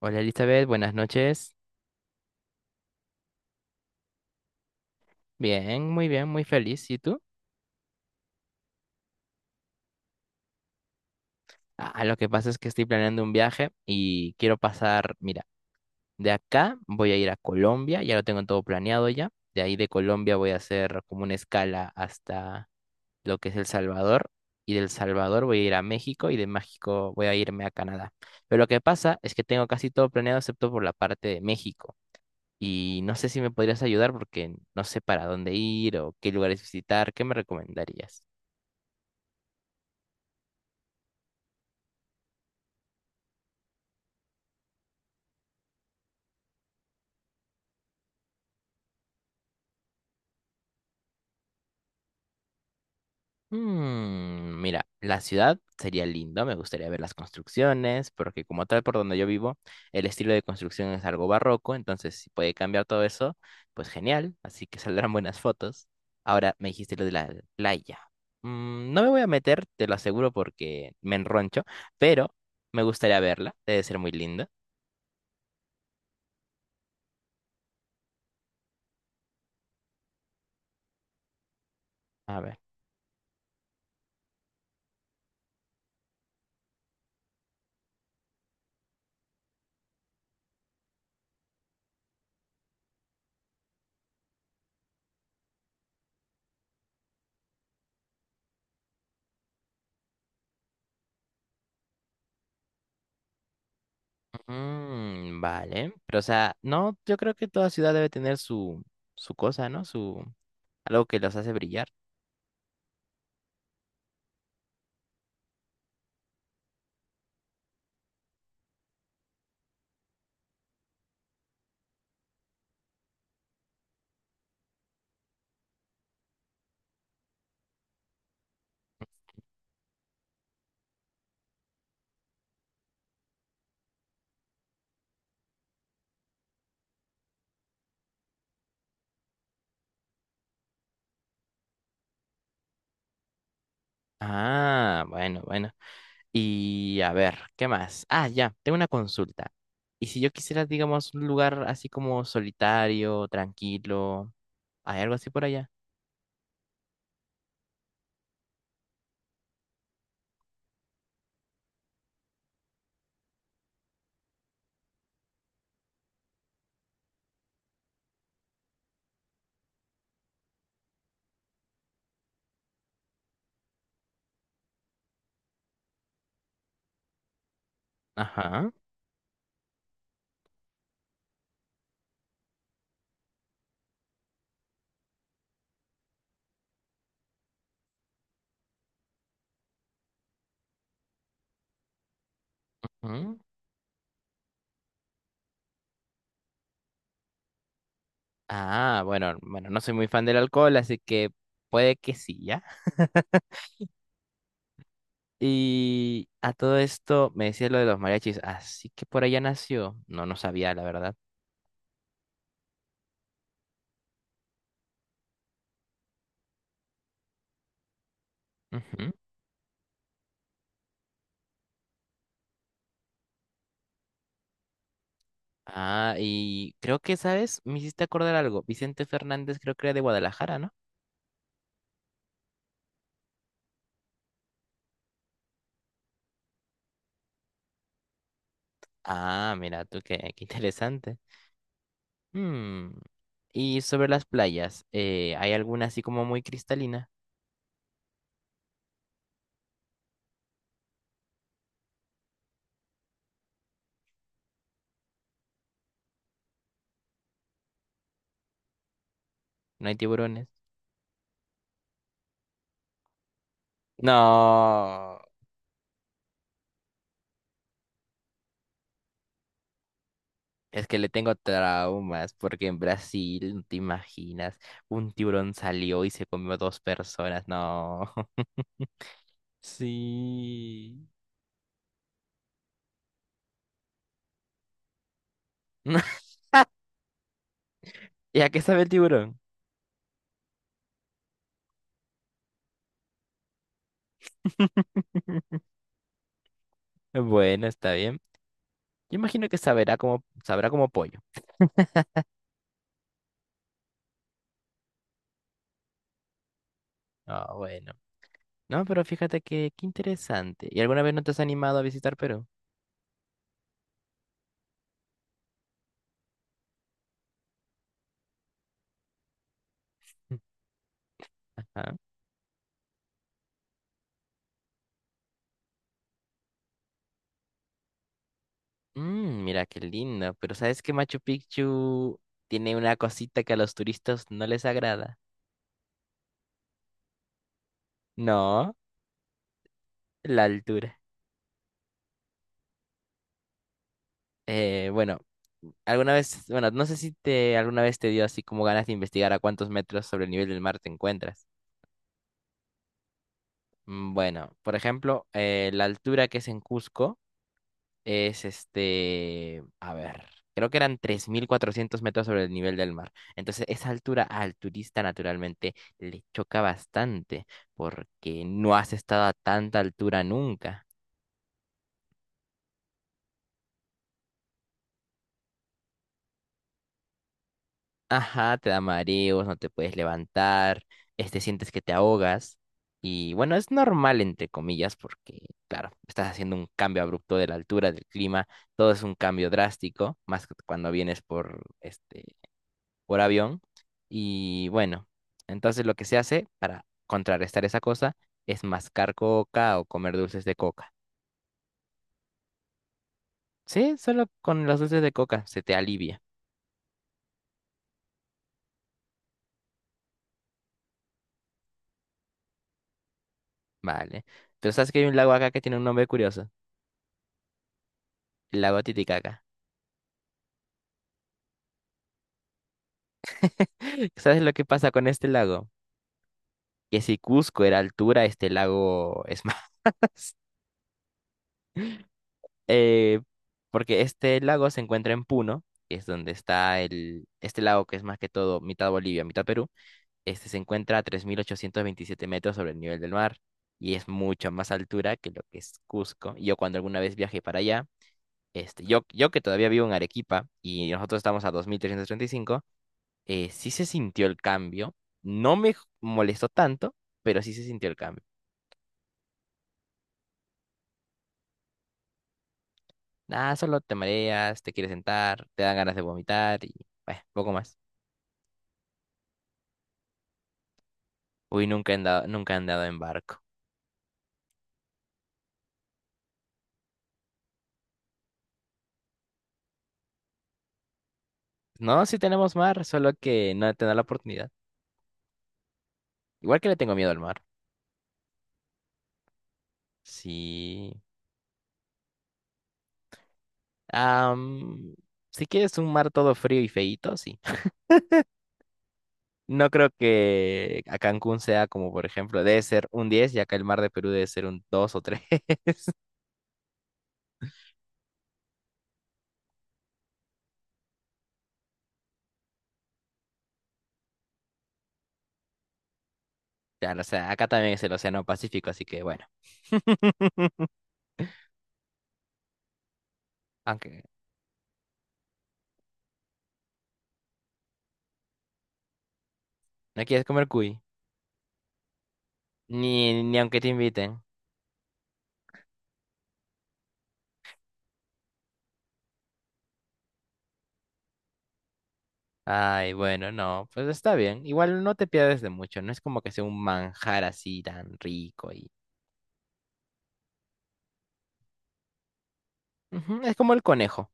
Hola Elizabeth, buenas noches. Bien, muy feliz. ¿Y tú? Ah, lo que pasa es que estoy planeando un viaje y quiero pasar, mira, de acá voy a ir a Colombia, ya lo tengo todo planeado ya. De ahí de Colombia voy a hacer como una escala hasta lo que es El Salvador y del Salvador voy a ir a México y de México voy a irme a Canadá. Pero lo que pasa es que tengo casi todo planeado excepto por la parte de México. Y no sé si me podrías ayudar porque no sé para dónde ir o qué lugares visitar, ¿qué me recomendarías? Mira, la ciudad sería lindo, me gustaría ver las construcciones, porque como tal por donde yo vivo, el estilo de construcción es algo barroco, entonces si puede cambiar todo eso, pues genial, así que saldrán buenas fotos. Ahora me dijiste lo de la playa. No me voy a meter, te lo aseguro porque me enroncho, pero me gustaría verla, debe ser muy linda. A ver. Vale, pero o sea, no, yo creo que toda ciudad debe tener su, su cosa, ¿no? Su, algo que los hace brillar. Ah, bueno, bueno. Y a ver, ¿qué más? Ah, ya, tengo una consulta. Y si yo quisiera, digamos, un lugar así como solitario, tranquilo, ¿hay algo así por allá? Ajá. ¿Mm? Ah, bueno, bueno, no soy muy fan del alcohol, así que puede que sí, ¿ya? Y a todo esto me decía lo de los mariachis, así que por allá nació. No, no sabía, la verdad. Ujú. Ah, y creo que, ¿sabes? Me hiciste acordar algo. Vicente Fernández creo que era de Guadalajara, ¿no? Ah, mira tú, qué, qué interesante. Hmm, Y sobre las playas, ¿hay alguna así como muy cristalina? ¿No hay tiburones? No, es que le tengo traumas porque en Brasil, no te imaginas, un tiburón salió y se comió dos personas. No. Sí. ¿Y a qué sabe el tiburón? Bueno, está bien. Yo imagino que sabrá como pollo. Ah, bueno. No, pero fíjate que qué interesante. ¿Y alguna vez no te has animado a visitar Perú? Ah, mira qué lindo. Pero ¿sabes que Machu Picchu tiene una cosita que a los turistas no les agrada? No, la altura. Bueno, alguna vez, bueno, no sé si te alguna vez te dio así como ganas de investigar a cuántos metros sobre el nivel del mar te encuentras. Bueno, por ejemplo, la altura que es en Cusco. Es a ver, creo que eran 3.400 metros sobre el nivel del mar. Entonces, esa altura al turista naturalmente le choca bastante porque no has estado a tanta altura nunca. Ajá, te da mareos, no te puedes levantar, sientes que te ahogas. Y bueno, es normal entre comillas porque, claro, estás haciendo un cambio abrupto de la altura, del clima, todo es un cambio drástico, más cuando vienes por avión. Y bueno, entonces lo que se hace para contrarrestar esa cosa es mascar coca o comer dulces de coca. Sí, solo con los dulces de coca se te alivia, ¿vale? Pero sabes que hay un lago acá que tiene un nombre curioso, el lago Titicaca. ¿Sabes lo que pasa con este lago? Que si Cusco era altura, este lago es más. Eh, Porque este lago se encuentra en Puno, que es donde está este lago que es más que todo mitad Bolivia, mitad Perú. Este se encuentra a 3.827 metros sobre el nivel del mar y es mucha más altura que lo que es Cusco. Yo cuando alguna vez viajé para allá, yo que todavía vivo en Arequipa y nosotros estamos a 2.335, sí se sintió el cambio. No me molestó tanto, pero sí se sintió el cambio. Nada, solo te mareas, te quieres sentar, te dan ganas de vomitar y bueno, poco más. Uy, nunca he andado en barco. No, sí tenemos mar, solo que no he tenido la oportunidad. Igual que le tengo miedo al mar. Sí. Am, si quieres un mar todo frío y feíto, sí. No creo que a Cancún sea como, por ejemplo, debe ser un 10, y acá el mar de Perú debe ser un 2 o tres. Claro, o sea, acá también es el Océano Pacífico, así que bueno. Aunque no quieres comer cuy, ni aunque te inviten. Ay, bueno, no, pues está bien. Igual no te pierdes de mucho, no es como que sea un manjar así tan rico y... Ujú, es como el conejo.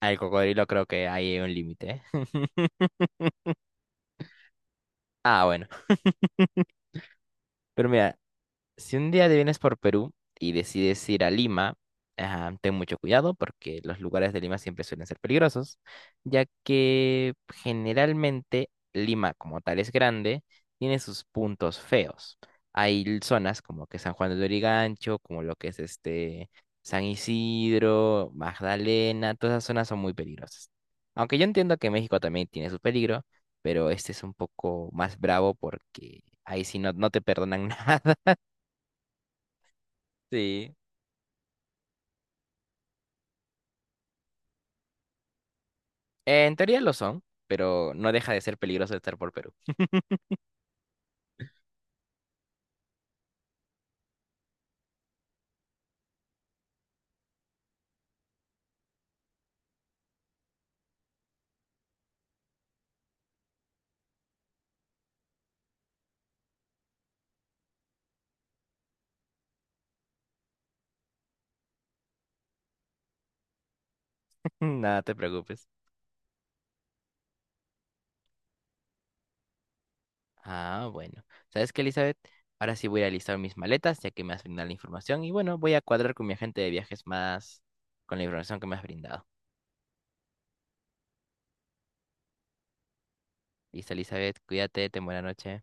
Al cocodrilo creo que ahí hay un límite. ¿Eh? Ah, bueno. Pero mira, si un día te vienes por Perú y decides ir a Lima, ah, ten mucho cuidado porque los lugares de Lima siempre suelen ser peligrosos, ya que generalmente Lima como tal es grande, tiene sus puntos feos. Hay zonas como que San Juan de Lurigancho, como lo que es San Isidro, Magdalena, todas esas zonas son muy peligrosas. Aunque yo entiendo que México también tiene su peligro, pero este es un poco más bravo porque ahí sí no, no te perdonan nada. Sí, en teoría lo son, pero no deja de ser peligroso estar por Perú. Nada, te preocupes. Ah, bueno. ¿Sabes qué, Elizabeth? Ahora sí voy a listar mis maletas, ya que me has brindado la información. Y bueno, voy a cuadrar con mi agente de viajes más con la información que me has brindado. Listo, Elizabeth, cuídate, ten buena noche.